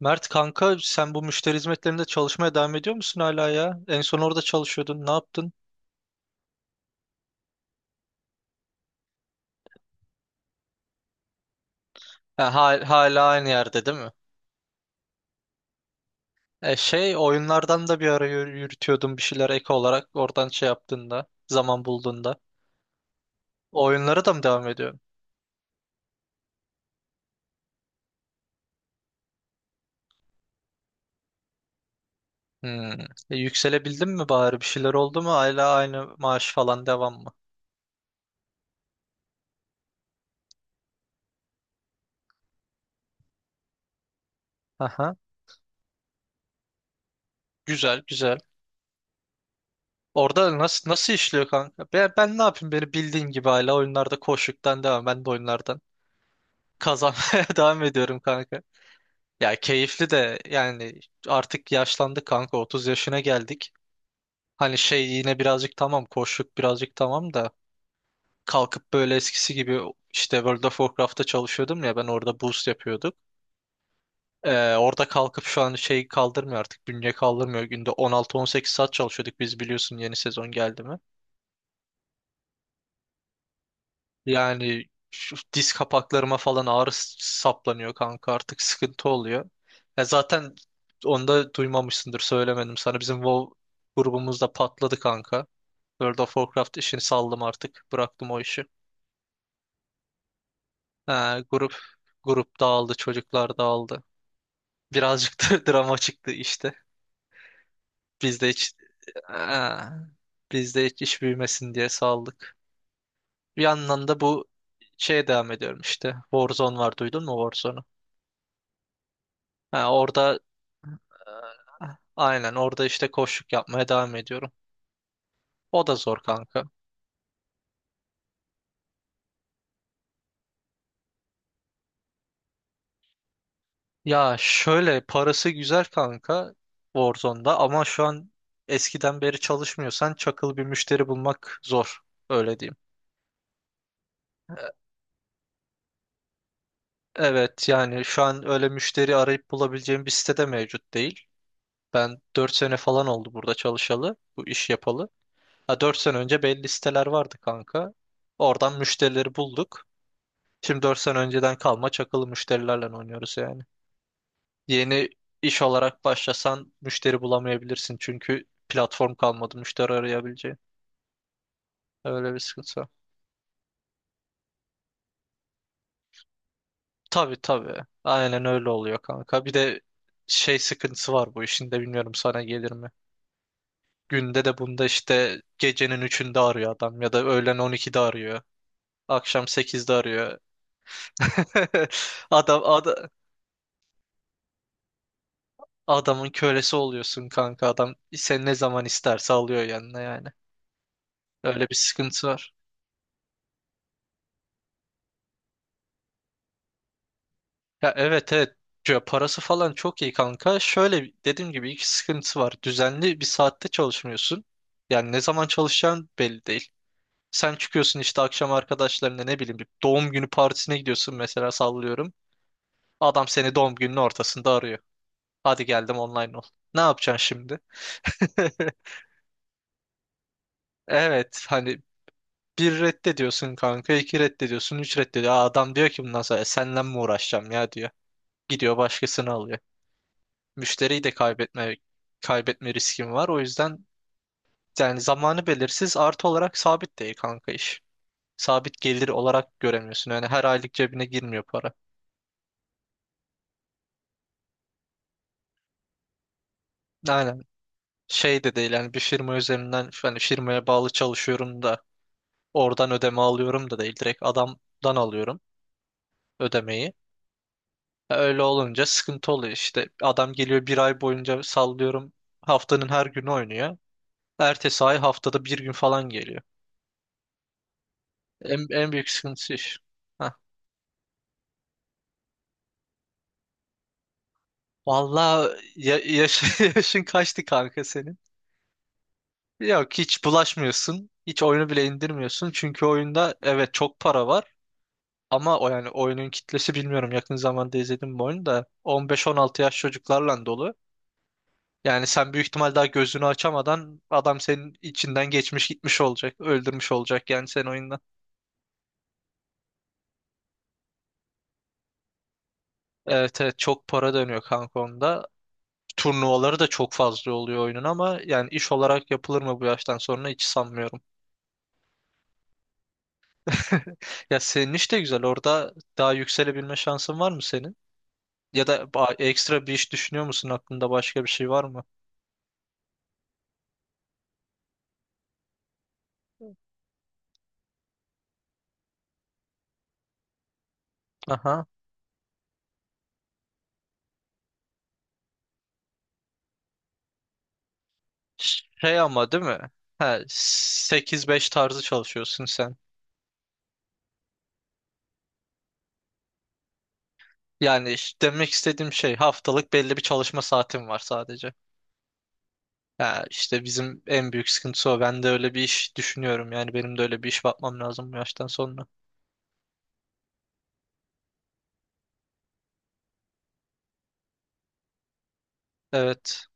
Mert kanka sen bu müşteri hizmetlerinde çalışmaya devam ediyor musun hala ya? En son orada çalışıyordun. Ne yaptın? Ha, hala aynı yerde değil mi? E şey oyunlardan da bir ara yürütüyordun bir şeyler ek olarak oradan şey yaptığında zaman bulduğunda. Oyunlara da mı devam ediyorsun? Hmm. E, yükselebildin mi bari bir şeyler oldu mu? Hala aynı maaş falan devam mı? Aha. Güzel güzel. Orada nasıl işliyor kanka? Ben ne yapayım beni bildiğin gibi hala oyunlarda koşuktan devam. Ben de oyunlardan kazanmaya devam ediyorum kanka. Ya keyifli de yani artık yaşlandık kanka 30 yaşına geldik. Hani şey yine birazcık tamam koşluk birazcık tamam da kalkıp böyle eskisi gibi işte World of Warcraft'ta çalışıyordum ya ben orada boost yapıyorduk. Orada kalkıp şu an şey kaldırmıyor artık bünye kaldırmıyor günde 16-18 saat çalışıyorduk biz biliyorsun yeni sezon geldi mi. Yani şu diz kapaklarıma falan ağrı saplanıyor kanka artık sıkıntı oluyor. Ya zaten onu da duymamışsındır söylemedim sana. Bizim WoW grubumuzda patladı kanka. World of Warcraft işini saldım artık. Bıraktım o işi. Ha, grup dağıldı, çocuklar dağıldı. Birazcık da drama çıktı işte. Biz de hiç ha, biz de hiç iş büyümesin diye saldık. Bir yandan da bu şeye devam ediyorum işte. Warzone var duydun mu Warzone'u? Ha, orada Aynen orada işte koçluk yapmaya devam ediyorum. O da zor kanka. Ya şöyle parası güzel kanka Warzone'da ama şu an eskiden beri çalışmıyorsan çakıl bir müşteri bulmak zor. Öyle diyeyim. Evet yani şu an öyle müşteri arayıp bulabileceğim bir sitede mevcut değil. Ben 4 sene falan oldu burada çalışalı, bu iş yapalı. Ha 4 sene önce belli siteler vardı kanka. Oradan müşterileri bulduk. Şimdi 4 sene önceden kalma çakılı müşterilerle oynuyoruz yani. Yeni iş olarak başlasan müşteri bulamayabilirsin çünkü platform kalmadı müşteri arayabileceğin. Öyle bir sıkıntı var. Tabii tabii. Aynen öyle oluyor kanka. Bir de şey sıkıntısı var bu işin de bilmiyorum sana gelir mi? Günde de bunda işte gecenin 3'ünde arıyor adam ya da öğlen 12'de arıyor. Akşam 8'de arıyor. Adam, ada- adamın kölesi oluyorsun kanka. Adam sen ne zaman isterse alıyor yanına yani. Öyle bir sıkıntı var. Ya evet evet. Ya parası falan çok iyi kanka. Şöyle dediğim gibi iki sıkıntısı var. Düzenli bir saatte çalışmıyorsun. Yani ne zaman çalışacağın belli değil. Sen çıkıyorsun işte akşam arkadaşlarına ne bileyim bir doğum günü partisine gidiyorsun mesela sallıyorum. Adam seni doğum gününün ortasında arıyor. Hadi geldim online ol. Ne yapacaksın şimdi? Evet hani bir reddediyorsun kanka, iki reddediyorsun, üç reddediyor. Aa, adam diyor ki bundan sonra "E, senle mi uğraşacağım ya" diyor. Gidiyor başkasını alıyor. Müşteriyi de kaybetme riskim var. O yüzden yani zamanı belirsiz artı olarak sabit değil kanka iş. Sabit gelir olarak göremiyorsun. Yani her aylık cebine girmiyor para. Aynen. Şey de değil yani bir firma üzerinden hani firmaya bağlı çalışıyorum da oradan ödeme alıyorum da değil. Direkt adamdan alıyorum ödemeyi. Ya öyle olunca sıkıntı oluyor işte. Adam geliyor bir ay boyunca sallıyorum haftanın her günü oynuyor. Ertesi ay haftada bir gün falan geliyor. En büyük sıkıntısı iş. Heh. Vallahi yaşın kaçtı kanka senin? Yok hiç bulaşmıyorsun. Hiç oyunu bile indirmiyorsun. Çünkü oyunda evet çok para var. Ama o yani oyunun kitlesi bilmiyorum yakın zamanda izledim bu oyunu da 15-16 yaş çocuklarla dolu. Yani sen büyük ihtimal daha gözünü açamadan adam senin içinden geçmiş gitmiş olacak. Öldürmüş olacak yani sen oyunda. Evet evet çok para dönüyor kanka onda. Turnuvaları da çok fazla oluyor oyunun ama yani iş olarak yapılır mı bu yaştan sonra hiç sanmıyorum. Ya senin iş de güzel. Orada daha yükselebilme şansın var mı senin? Ya da ekstra bir iş düşünüyor musun? Aklında başka bir şey var mı? Aha. Şey ama değil mi? He, 8-5 tarzı çalışıyorsun sen. Yani demek istediğim şey haftalık belli bir çalışma saatin var sadece. Ha, işte bizim en büyük sıkıntısı o. Ben de öyle bir iş düşünüyorum. Yani benim de öyle bir iş bakmam lazım bu yaştan sonra. Evet.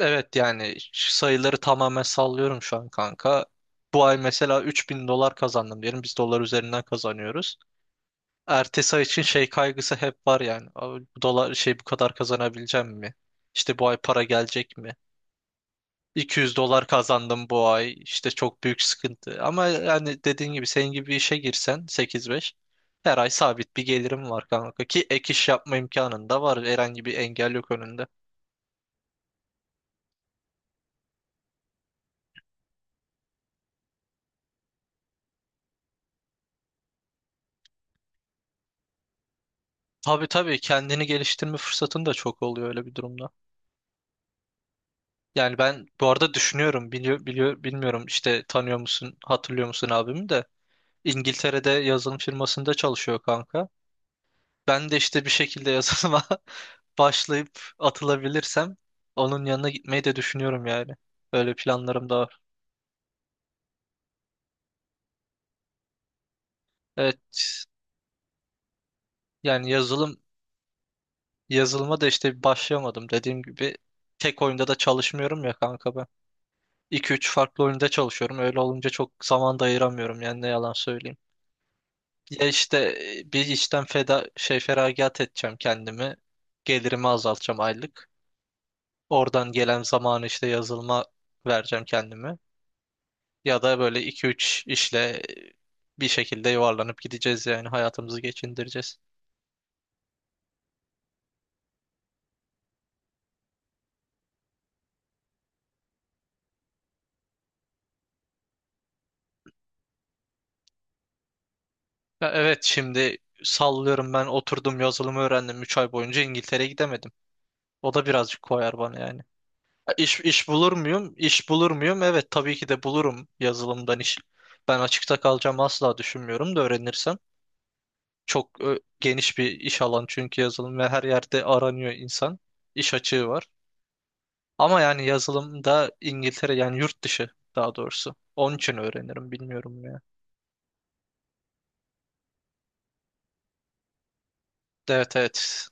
Evet yani sayıları tamamen sallıyorum şu an kanka. Bu ay mesela 3.000 dolar kazandım diyelim. Biz dolar üzerinden kazanıyoruz. Ertesi ay için şey kaygısı hep var yani. Abi bu dolar şey bu kadar kazanabileceğim mi? İşte bu ay para gelecek mi? 200 dolar kazandım bu ay. İşte çok büyük sıkıntı. Ama yani dediğin gibi senin gibi bir işe girsen 8-5 her ay sabit bir gelirim var kanka ki ek iş yapma imkanın da var. Herhangi bir engel yok önünde. Tabii tabii kendini geliştirme fırsatın da çok oluyor öyle bir durumda. Yani ben bu arada düşünüyorum biliyor bilmiyorum işte tanıyor musun hatırlıyor musun abimi de İngiltere'de yazılım firmasında çalışıyor kanka. Ben de işte bir şekilde yazılıma başlayıp atılabilirsem onun yanına gitmeyi de düşünüyorum yani. Öyle planlarım da var. Evet yani yazılıma da işte başlayamadım dediğim gibi tek oyunda da çalışmıyorum ya kanka ben. 2 üç farklı oyunda çalışıyorum. Öyle olunca çok zaman da ayıramıyorum yani ne yalan söyleyeyim. Ya işte bir işten feda şey feragat edeceğim kendimi. Gelirimi azaltacağım aylık. Oradan gelen zamanı işte yazılıma vereceğim kendimi. Ya da böyle iki üç işle bir şekilde yuvarlanıp gideceğiz yani hayatımızı geçindireceğiz. Ya evet şimdi sallıyorum ben oturdum yazılımı öğrendim 3 ay boyunca İngiltere'ye gidemedim. O da birazcık koyar bana yani. İş bulur muyum? İş bulur muyum? Evet tabii ki de bulurum yazılımdan iş. Ben açıkta kalacağım asla düşünmüyorum da öğrenirsem. Çok geniş bir iş alan çünkü yazılım ve her yerde aranıyor insan. İş açığı var. Ama yani yazılımda İngiltere yani yurt dışı daha doğrusu. Onun için öğrenirim bilmiyorum ya. Evet evet.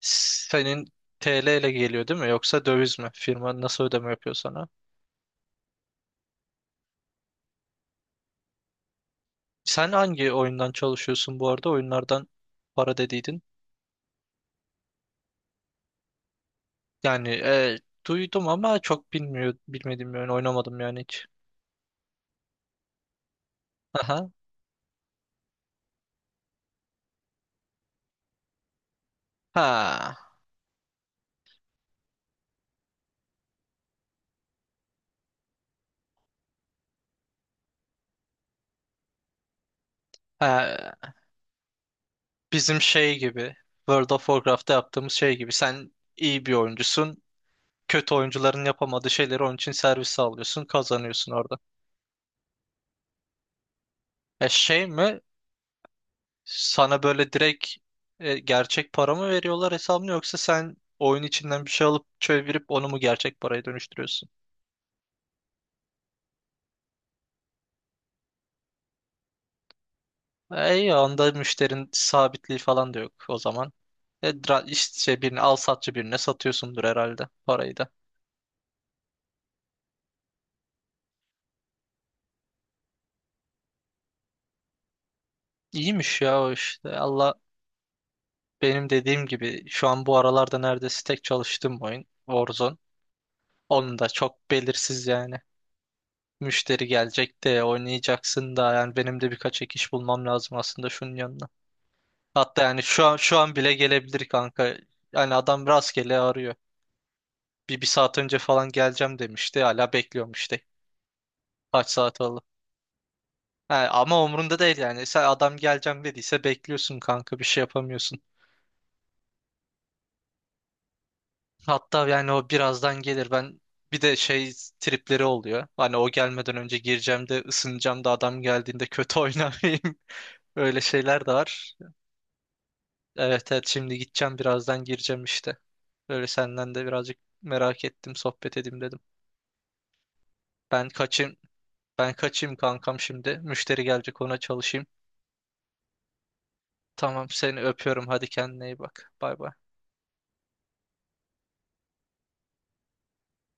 Senin TL ile geliyor değil mi? Yoksa döviz mi? Firma nasıl ödeme yapıyor sana? Sen hangi oyundan çalışıyorsun bu arada? Oyunlardan para dediydin. Yani duydum ama çok bilmediğim bir oyun oynamadım yani hiç. Aha. Ha. Ha. Bizim şey gibi. World of Warcraft'ta yaptığımız şey gibi. Sen iyi bir oyuncusun. Kötü oyuncuların yapamadığı şeyleri onun için servis sağlıyorsun. Kazanıyorsun orada. E şey mi? Sana böyle direkt gerçek para mı veriyorlar hesabını yoksa sen oyun içinden bir şey alıp çevirip onu mu gerçek paraya dönüştürüyorsun? E, iyi, onda müşterinin sabitliği falan da yok o zaman. E, işte şey, birini al satçı birine satıyorsundur herhalde parayı da. İyiymiş ya o işte. Allah benim dediğim gibi şu an bu aralarda neredeyse tek çalıştığım oyun Warzone. Onun da çok belirsiz yani. Müşteri gelecek de oynayacaksın da yani benim de birkaç ek iş bulmam lazım aslında şunun yanına. Hatta yani şu an bile gelebilir kanka. Yani adam rastgele arıyor. Bir saat önce falan geleceğim demişti. Hala bekliyorum işte. Kaç saat oldu? Ha, ama umrunda değil yani. Sen adam geleceğim dediyse bekliyorsun kanka bir şey yapamıyorsun. Hatta yani o birazdan gelir. Ben bir de şey tripleri oluyor. Hani o gelmeden önce gireceğim de ısınacağım da adam geldiğinde kötü oynamayayım. Öyle şeyler de var. Evet evet şimdi gideceğim birazdan gireceğim işte. Böyle senden de birazcık merak ettim sohbet edeyim dedim. Ben kaçayım. Ben kaçayım kankam şimdi. Müşteri gelecek ona çalışayım. Tamam seni öpüyorum. Hadi kendine iyi bak. Bay bay.